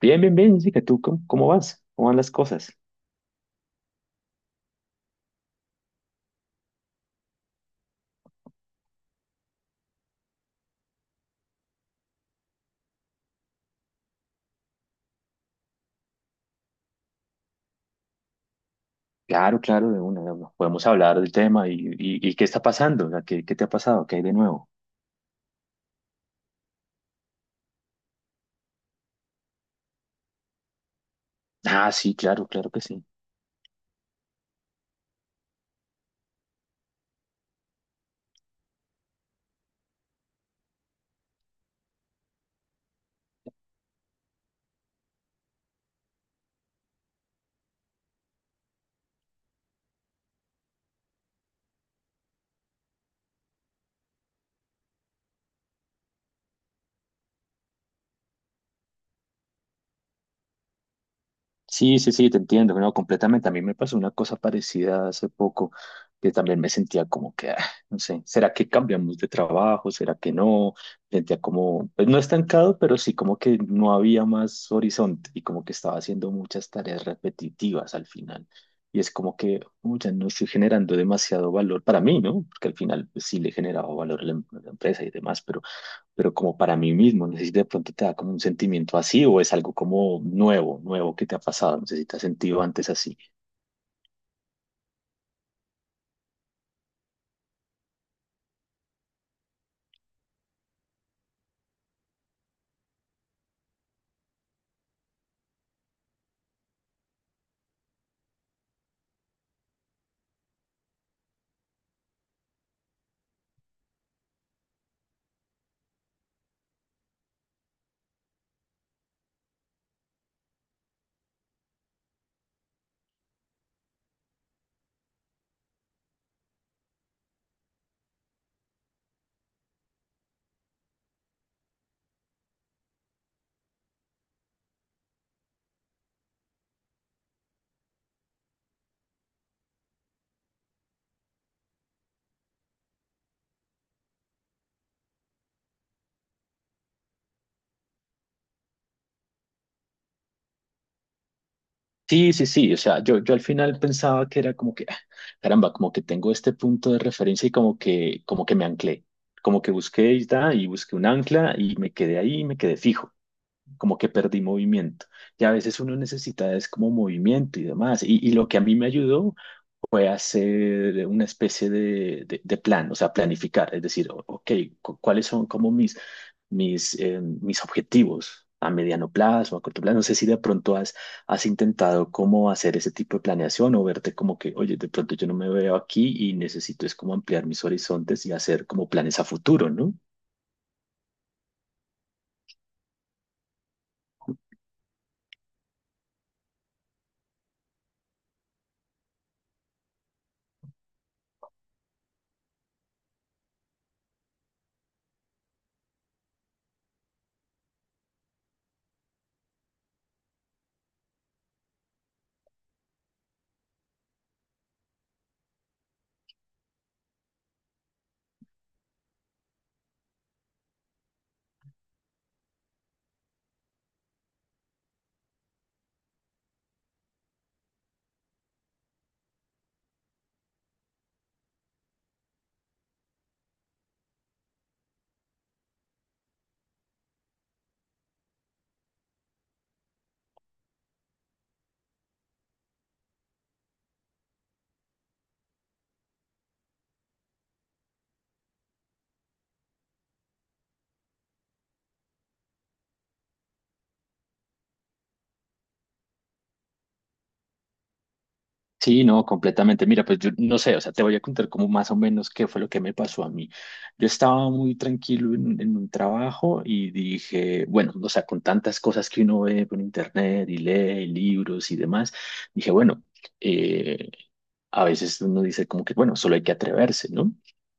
Bien, bien, bien, Jessica, ¿tú cómo vas? ¿Cómo van las cosas? Claro, claro, de una. Podemos hablar del tema y qué está pasando, o sea, ¿qué te ha pasado? ¿Qué hay de nuevo? Ah, sí, claro, claro que sí. Sí, sí, sí, te entiendo, no, completamente. A mí me pasó una cosa parecida hace poco, que también me sentía como que, no sé, ¿será que cambiamos de trabajo? ¿Será que no? Sentía como, pues no estancado, pero sí como que no había más horizonte y como que estaba haciendo muchas tareas repetitivas al final. Y es como que, "Oh, ya no estoy generando demasiado valor para mí, ¿no? Porque al final, pues, sí le generaba valor a la empresa y demás, pero como para mí mismo. No sé si de pronto te da como un sentimiento así o es algo como nuevo, nuevo que te ha pasado. No sé si te has sentido antes así. Sí, sí, sí. O sea, yo al final pensaba que era como que, caramba, como que tengo este punto de referencia y como que me anclé. Como que busqué y busqué un ancla y me quedé ahí y me quedé fijo. Como que perdí movimiento. Y a veces uno necesita es como movimiento y demás. Y lo que a mí me ayudó fue hacer una especie de, de plan, o sea, planificar, es decir, ok, cuáles son como mis, mis, mis objetivos a mediano plazo, a corto plazo. No sé si de pronto has, has intentado cómo hacer ese tipo de planeación o verte como que, oye, de pronto yo no me veo aquí y necesito es como ampliar mis horizontes y hacer como planes a futuro, ¿no? Sí, no, completamente. Mira, pues yo no sé, o sea, te voy a contar como más o menos qué fue lo que me pasó a mí. Yo estaba muy tranquilo en un trabajo y dije, bueno, o sea, con tantas cosas que uno ve por internet y lee y libros y demás, dije, bueno, eh, a veces uno dice como que, bueno, solo hay que atreverse, ¿no?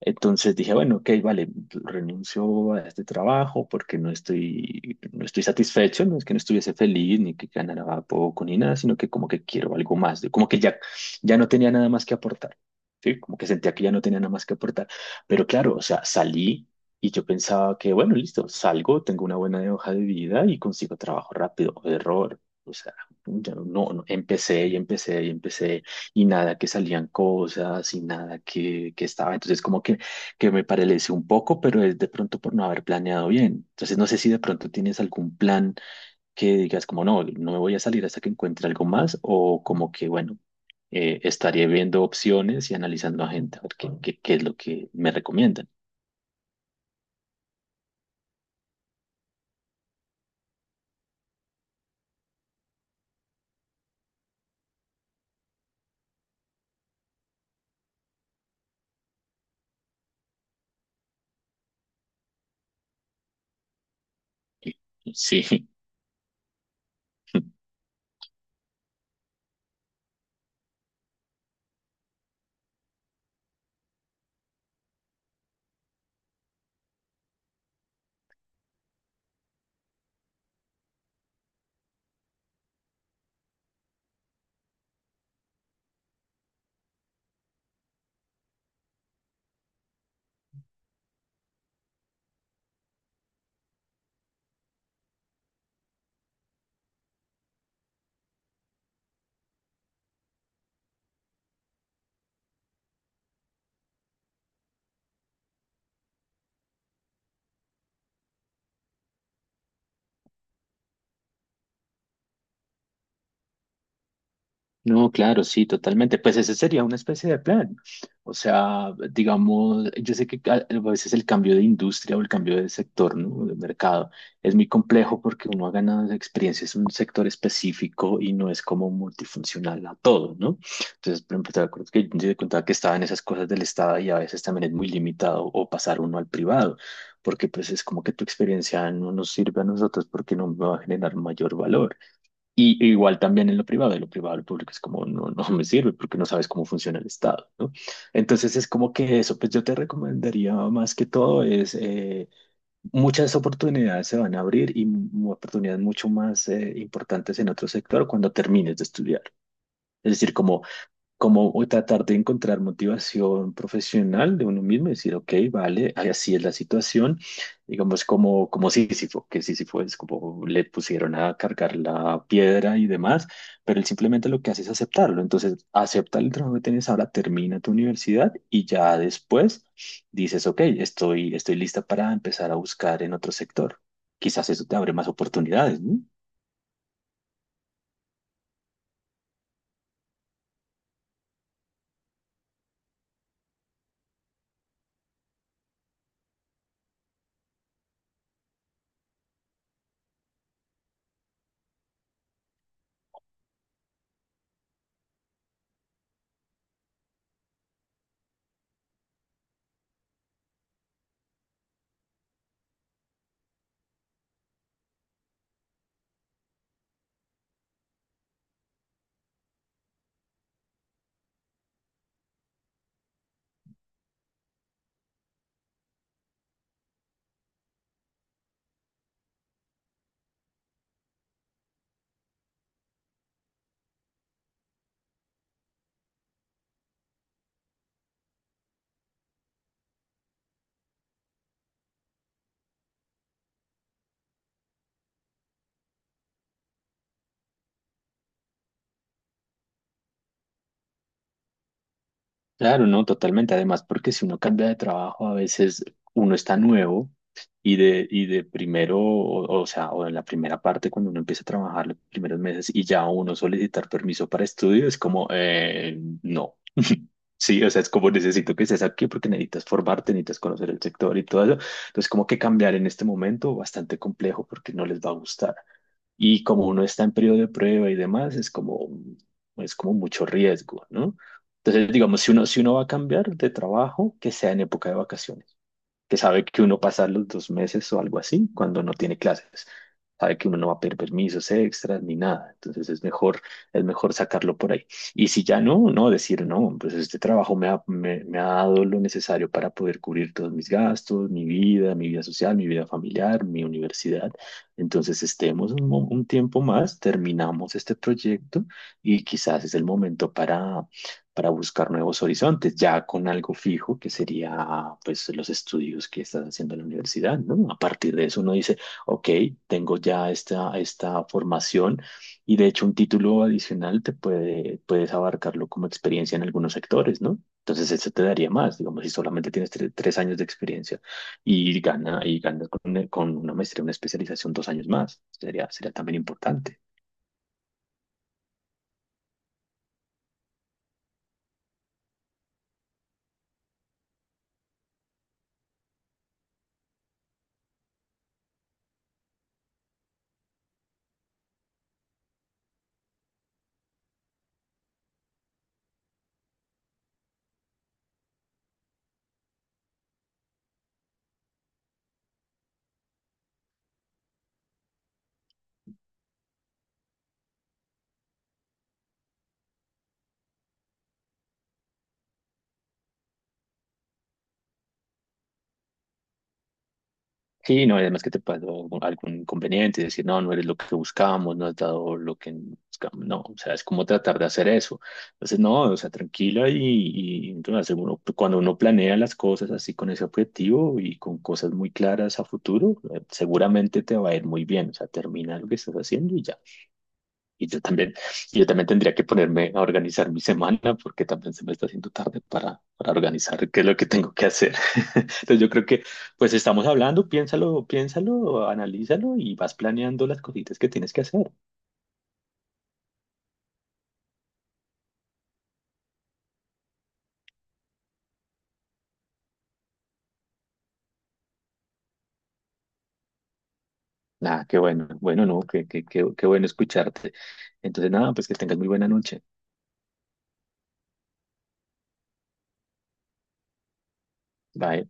Entonces dije, bueno, ok, vale, renuncio a este trabajo porque no estoy satisfecho, no es que no estuviese feliz ni que ganara poco ni nada, sino que como que quiero algo más, como que ya, ya no tenía nada más que aportar, ¿sí? Como que sentía que ya no tenía nada más que aportar. Pero claro, o sea, salí y yo pensaba que, bueno, listo, salgo, tengo una buena hoja de vida y consigo trabajo rápido. Error. O sea, ya no, no, empecé y empecé y empecé y nada que salían cosas y nada que estaba. Entonces como que me paralice un poco, pero es de pronto por no haber planeado bien. Entonces no sé si de pronto tienes algún plan que digas como no me voy a salir hasta que encuentre algo más o como que bueno, estaré viendo opciones y analizando a gente a ver qué es lo que me recomiendan. Sí. No, claro, sí, totalmente. Pues ese sería una especie de plan. O sea, digamos, yo sé que a veces el cambio de industria o el cambio de sector, ¿no? De mercado es muy complejo porque uno ha ganado experiencia en un sector específico y no es como multifuncional a todo, ¿no? Entonces, por ejemplo, te acuerdas que yo te contaba que estaba en esas cosas del Estado y a veces también es muy limitado o pasar uno al privado, porque pues es como que tu experiencia no nos sirve a nosotros porque no me va a generar mayor valor. E igual también en lo privado, lo público es como, no, no me sirve porque no sabes cómo funciona el Estado, ¿no? Entonces es como que eso, pues yo te recomendaría más que todo es, muchas oportunidades se van a abrir y oportunidades mucho más importantes en otro sector cuando termines de estudiar. Es decir, como tratar de encontrar motivación profesional de uno mismo y decir, ok, vale, así es la situación, digamos como, como Sísifo, que Sísifo es como le pusieron a cargar la piedra y demás, pero él simplemente lo que hace es aceptarlo, entonces acepta el trabajo que tienes ahora, termina tu universidad y ya después dices, ok, estoy lista para empezar a buscar en otro sector. Quizás eso te abre más oportunidades, ¿no? Claro, no, totalmente. Además, porque si uno cambia de trabajo, a veces uno está nuevo y de primero, o sea, o en la primera parte, cuando uno empieza a trabajar los primeros meses y ya uno solicitar permiso para estudio, es como, no. Sí, o sea, es como necesito que estés aquí porque necesitas formarte, necesitas conocer el sector y todo eso. Entonces, como que cambiar en este momento bastante complejo porque no les va a gustar. Y como uno está en periodo de prueba y demás, es como mucho riesgo, ¿no? Entonces, digamos, si uno va a cambiar de trabajo, que sea en época de vacaciones, que sabe que uno pasa los dos meses o algo así cuando no tiene clases, sabe que uno no va a pedir permisos extras ni nada, entonces es mejor sacarlo por ahí. Y si ya no, no decir, no, pues este trabajo me ha dado lo necesario para poder cubrir todos mis gastos, mi vida social, mi vida familiar, mi universidad. Entonces estemos un, un tiempo más, terminamos este proyecto y quizás es el momento para buscar nuevos horizontes, ya con algo fijo que sería pues los estudios que estás haciendo en la universidad, ¿no? A partir de eso uno dice, ok, tengo ya esta formación y de hecho un título adicional te puede, puedes abarcarlo como experiencia en algunos sectores, ¿no? Entonces eso te daría más, digamos, si solamente tienes tres años de experiencia y ganas con una maestría, una especialización, dos años más, sería también importante. Sí, no, y además que te pasó algún inconveniente, decir, no, no eres lo que buscamos, no has dado lo que buscamos, no, o sea, es como tratar de hacer eso. Entonces, no, o sea, tranquila y entonces cuando uno planea las cosas así con ese objetivo y con cosas muy claras a futuro, seguramente te va a ir muy bien, o sea, termina lo que estás haciendo y ya. Y yo también, yo también tendría que ponerme a organizar mi semana porque también se me está haciendo tarde para organizar qué es lo que tengo que hacer. Entonces yo creo que pues estamos hablando, piénsalo, piénsalo, analízalo y vas planeando las cositas que tienes que hacer. Nada, qué bueno, bueno, no, qué bueno escucharte. Entonces nada, pues que tengas muy buena noche. Bye.